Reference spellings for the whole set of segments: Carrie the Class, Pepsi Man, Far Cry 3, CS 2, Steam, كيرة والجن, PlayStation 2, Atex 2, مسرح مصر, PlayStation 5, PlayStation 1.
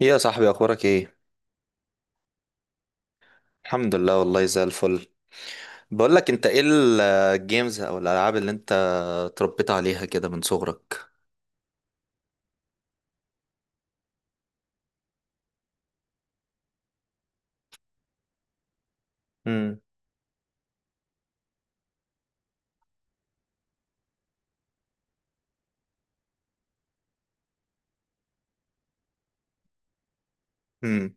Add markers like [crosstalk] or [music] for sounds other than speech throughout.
ايه يا صاحبي؟ اخبارك ايه؟ الحمد لله، والله زي الفل. بقول لك انت، ايه الجيمز او الالعاب اللي انت اتربيت عليها كده من صغرك؟ امم. امم.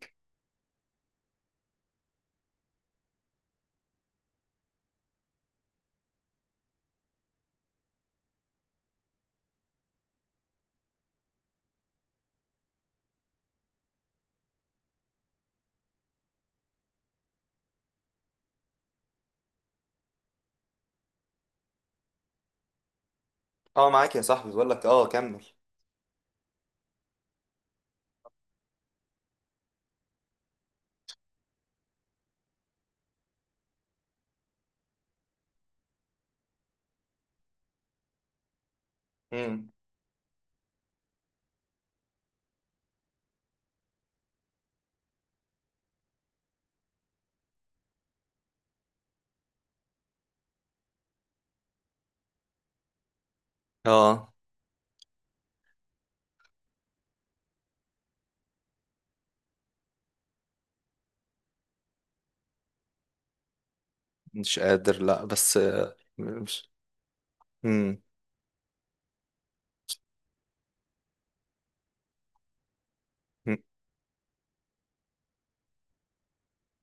اه، معاك يا صاحبي. بقول لك كمل. امم. اه، مش قادر. لا بس، مش. امم.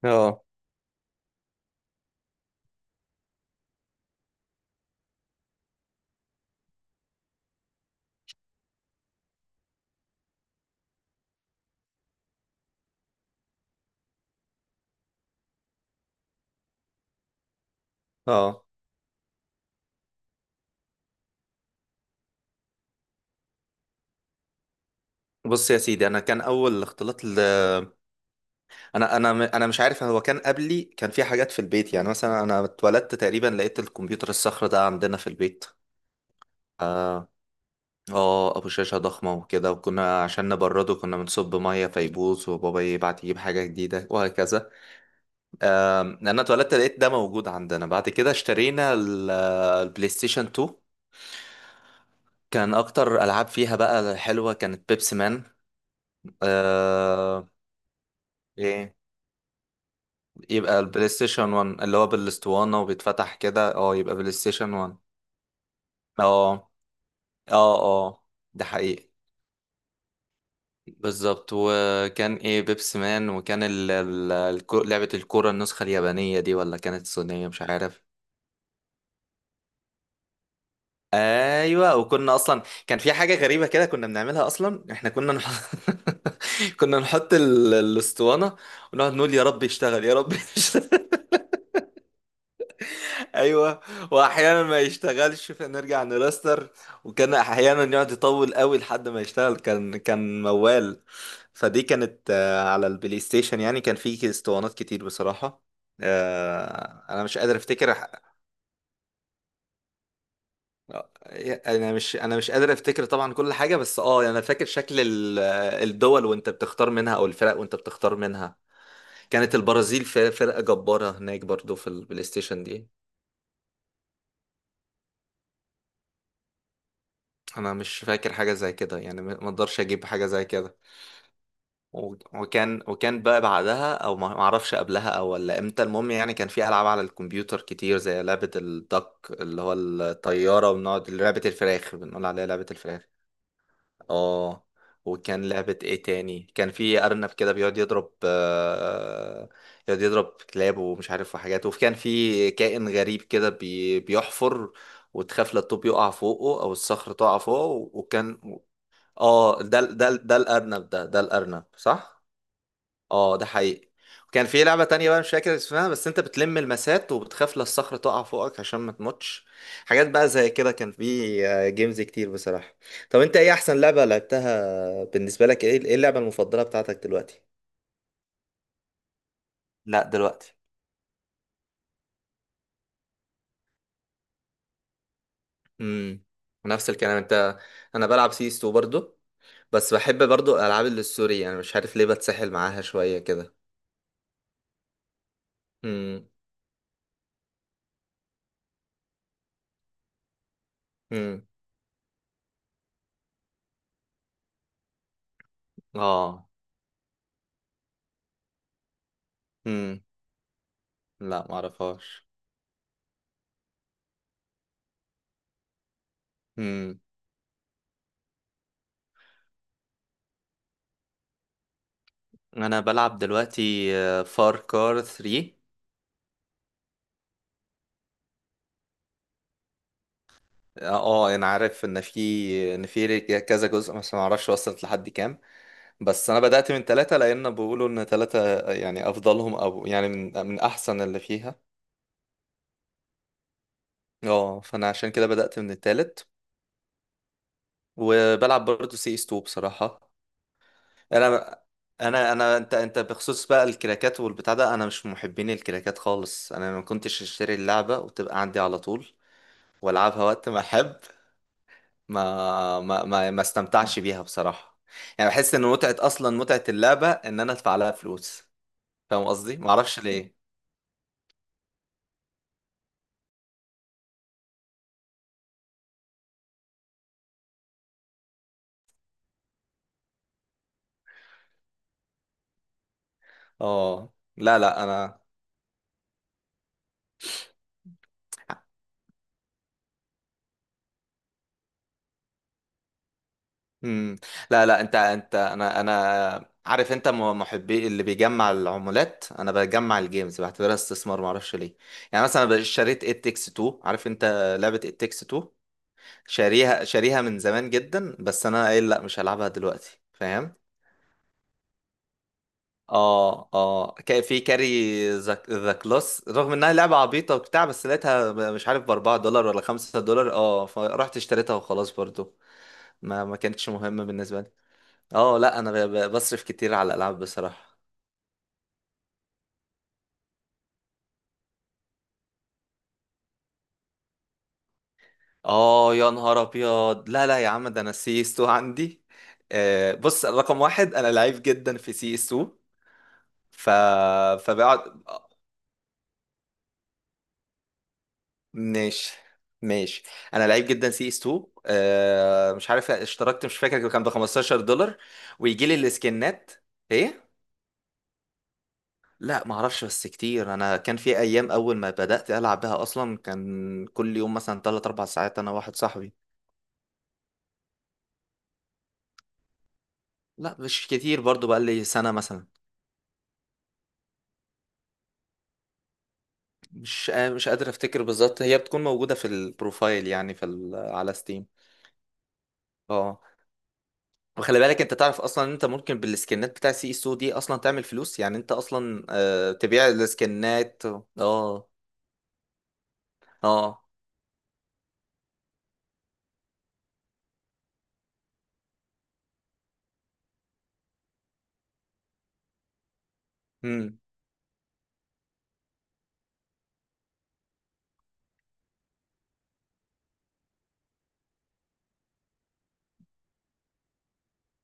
اه. اه. بص يا سيدي، انا كان اول اختلاط. انا مش عارف. هو كان قبلي، كان في حاجات في البيت. يعني مثلا انا اتولدت تقريبا لقيت الكمبيوتر الصخر ده عندنا في البيت. آه، اه، ابو شاشه ضخمه وكده. وكنا عشان نبرده كنا بنصب ميه فيبوظ، وبابا يبعت يجيب حاجه جديده، وهكذا. انا اتولدت لقيت ده موجود عندنا. بعد كده اشترينا البلاي ستيشن 2. كان اكتر العاب فيها بقى حلوه كانت بيبسي مان. آه. ايه؟ يبقى البلاي ستيشن 1 اللي هو بالاسطوانه وبيتفتح كده، اه، يبقى بلاي ستيشن 1. اه. اه. اه. ده حقيقي. بالظبط. وكان ايه، بيبس مان. وكان لعبة الكورة، النسخة اليابانية دي، ولا كانت الصينية؟ مش عارف. ايوه. وكنا اصلا كان في حاجة غريبة كده كنا بنعملها. اصلا احنا كنا نحط [laughs] كنا نحط الاسطوانة، ونقعد نقول يا رب يشتغل، يا رب [laughs] يشتغل. ايوه. واحيانا ما يشتغلش فنرجع نراستر. وكان احيانا يقعد يطول قوي لحد ما يشتغل، كان موال. فدي كانت، على البلاي ستيشن، يعني كان في اسطوانات كتير بصراحة. انا مش قادر افتكر. انا مش قادر افتكر طبعا كل حاجة. بس يعني انا فاكر شكل الدول وانت بتختار منها، او الفرق وانت بتختار منها. كانت البرازيل فرقة جبارة هناك برضو في البلاي ستيشن دي. انا مش فاكر حاجه زي كده. يعني ما اقدرش اجيب حاجه زي كده. و- وكان بقى بعدها، او ما اعرفش قبلها، او ولا امتى. المهم يعني كان في العاب على الكمبيوتر كتير، زي لعبه الدك اللي هو الطياره. وبنقعد لعبه الفراخ، بنقول عليها لعبه الفراخ. اه. وكان لعبه ايه تاني، كان في ارنب كده بيقعد يضرب، يقعد يضرب كلاب ومش عارف وحاجات. وكان في كائن غريب كده بيحفر، وتخاف لا الطوب يقع فوقه او الصخره تقع فوقه، وكان. اه، ده الارنب. ده الارنب صح. اه، ده حقيقي. وكان في لعبة تانية بقى مش فاكر اسمها، بس انت بتلم المسات، وبتخاف لا الصخرة تقع فوقك عشان ما تموتش. حاجات بقى زي كده. كان في جيمز كتير بصراحة. طب انت، ايه احسن لعبة لعبتها بالنسبة لك؟ ايه اللعبة المفضلة بتاعتك دلوقتي؟ لا، دلوقتي. امم. نفس الكلام انت. انا بلعب سيستو برضو. بس بحب برضو الالعاب اللي السوري، يعني مش عارف ليه بتسحل معاها شوية كده. امم. امم. اه. لا، معرفهاش. امم. انا بلعب دلوقتي، فار كار 3. اه. انا عارف ان في كذا جزء، بس ما اعرفش وصلت لحد كام. بس انا بدأت من ثلاثة، لان بيقولوا ان ثلاثة يعني افضلهم، او يعني من احسن اللي فيها. اه، فانا عشان كده بدأت من الثالث. وبلعب برضه سي اس 2 بصراحة. انا انا انا انت انت بخصوص بقى الكراكات والبتاع ده، انا مش من محبين الكراكات خالص. انا ما كنتش اشتري اللعبة وتبقى عندي على طول والعبها وقت ما احب. ما استمتعش بيها بصراحة. يعني بحس ان متعة، اصلا متعة اللعبة، ان انا ادفع لها فلوس. فاهم قصدي؟ ما اعرفش ليه. اه. لا، لا، انا. مم. لا، لا، انت انا عارف انت محبي اللي بيجمع العمولات. انا بجمع الجيمز، بعتبرها استثمار، ما اعرفش ليه. يعني مثلا أنا اشتريت ات تكس 2، عارف انت لعبة ات تكس 2؟ شاريها، شاريها من زمان جدا، بس انا قايل لا، مش هلعبها دلوقتي. فاهم؟ اه، اه. كان في كاري ذا كلاس. رغم انها لعبه عبيطه وبتاع، بس لقيتها، مش عارف، ب $4 ولا $5. اه، فرحت اشتريتها وخلاص برضو. ما كانتش مهمه بالنسبه لي. اه، لا، انا بصرف كتير على الالعاب بصراحه. اه يا نهار ابيض! لا، لا يا عم، ده انا سي اس 2 عندي. بص، رقم واحد، انا لعيب جدا في سي اس 2. ف فبقعد. ماشي. ماشي. انا لعيب جدا سي اس 2. مش عارف اشتركت، مش فاكر كان ب $15، ويجي لي السكنات. ايه؟ لا، ما اعرفش، بس كتير. انا كان في ايام اول ما بدأت العب بها، اصلا كان كل يوم مثلا 3 4 ساعات انا واحد صاحبي. لا مش كتير برضو، بقى لي سنة مثلا. مش قادر افتكر بالظبط. هي بتكون موجودة في البروفايل، يعني في على ستيم. اه. وخلي بالك، انت تعرف اصلا ان انت ممكن بالسكنات بتاع سي اس او دي اصلا تعمل فلوس. يعني انت اصلا تبيع السكنات. اه. اه. امم.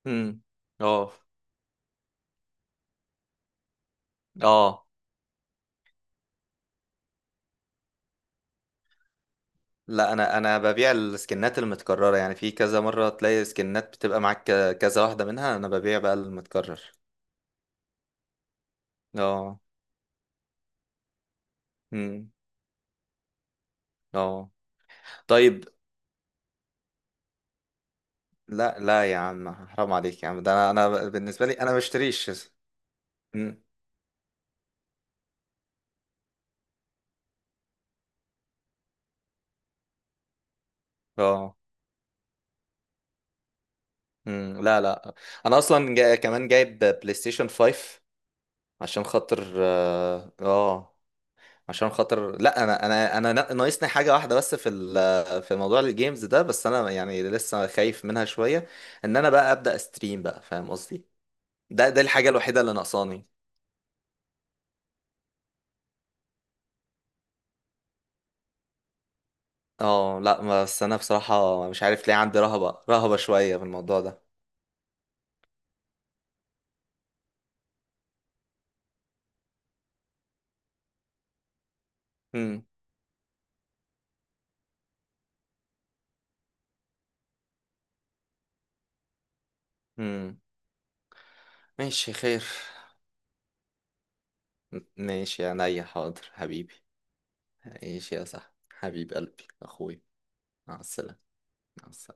امم. اه. اه. لا، انا ببيع السكنات المتكرره، يعني في كذا مره تلاقي سكنات بتبقى معاك كذا واحده منها، انا ببيع بقى المتكرر. اه. امم. اه. طيب. لا، لا يا عم، حرام عليك يا عم. ده انا بالنسبه لي، انا ما بشتريش. امم. اه. مم، لا، لا، انا اصلا كمان جايب بلاي ستيشن 5، عشان خاطر اه، عشان خاطر لا، ناقصني حاجه واحده بس، في موضوع الجيمز ده، بس انا يعني لسه خايف منها شويه. ان انا بقى ابدا استريم بقى، فاهم قصدي؟ ده الحاجه الوحيده اللي ناقصاني. اه، لا، بس انا بصراحه مش عارف ليه عندي رهبه، رهبه شويه في الموضوع ده. امم. امم. ماشي خير. ماشي يا عينيا، حاضر حبيبي. ماشي يا صاحبي، حبيب قلبي، اخوي. مع السلامة. مع السلامة.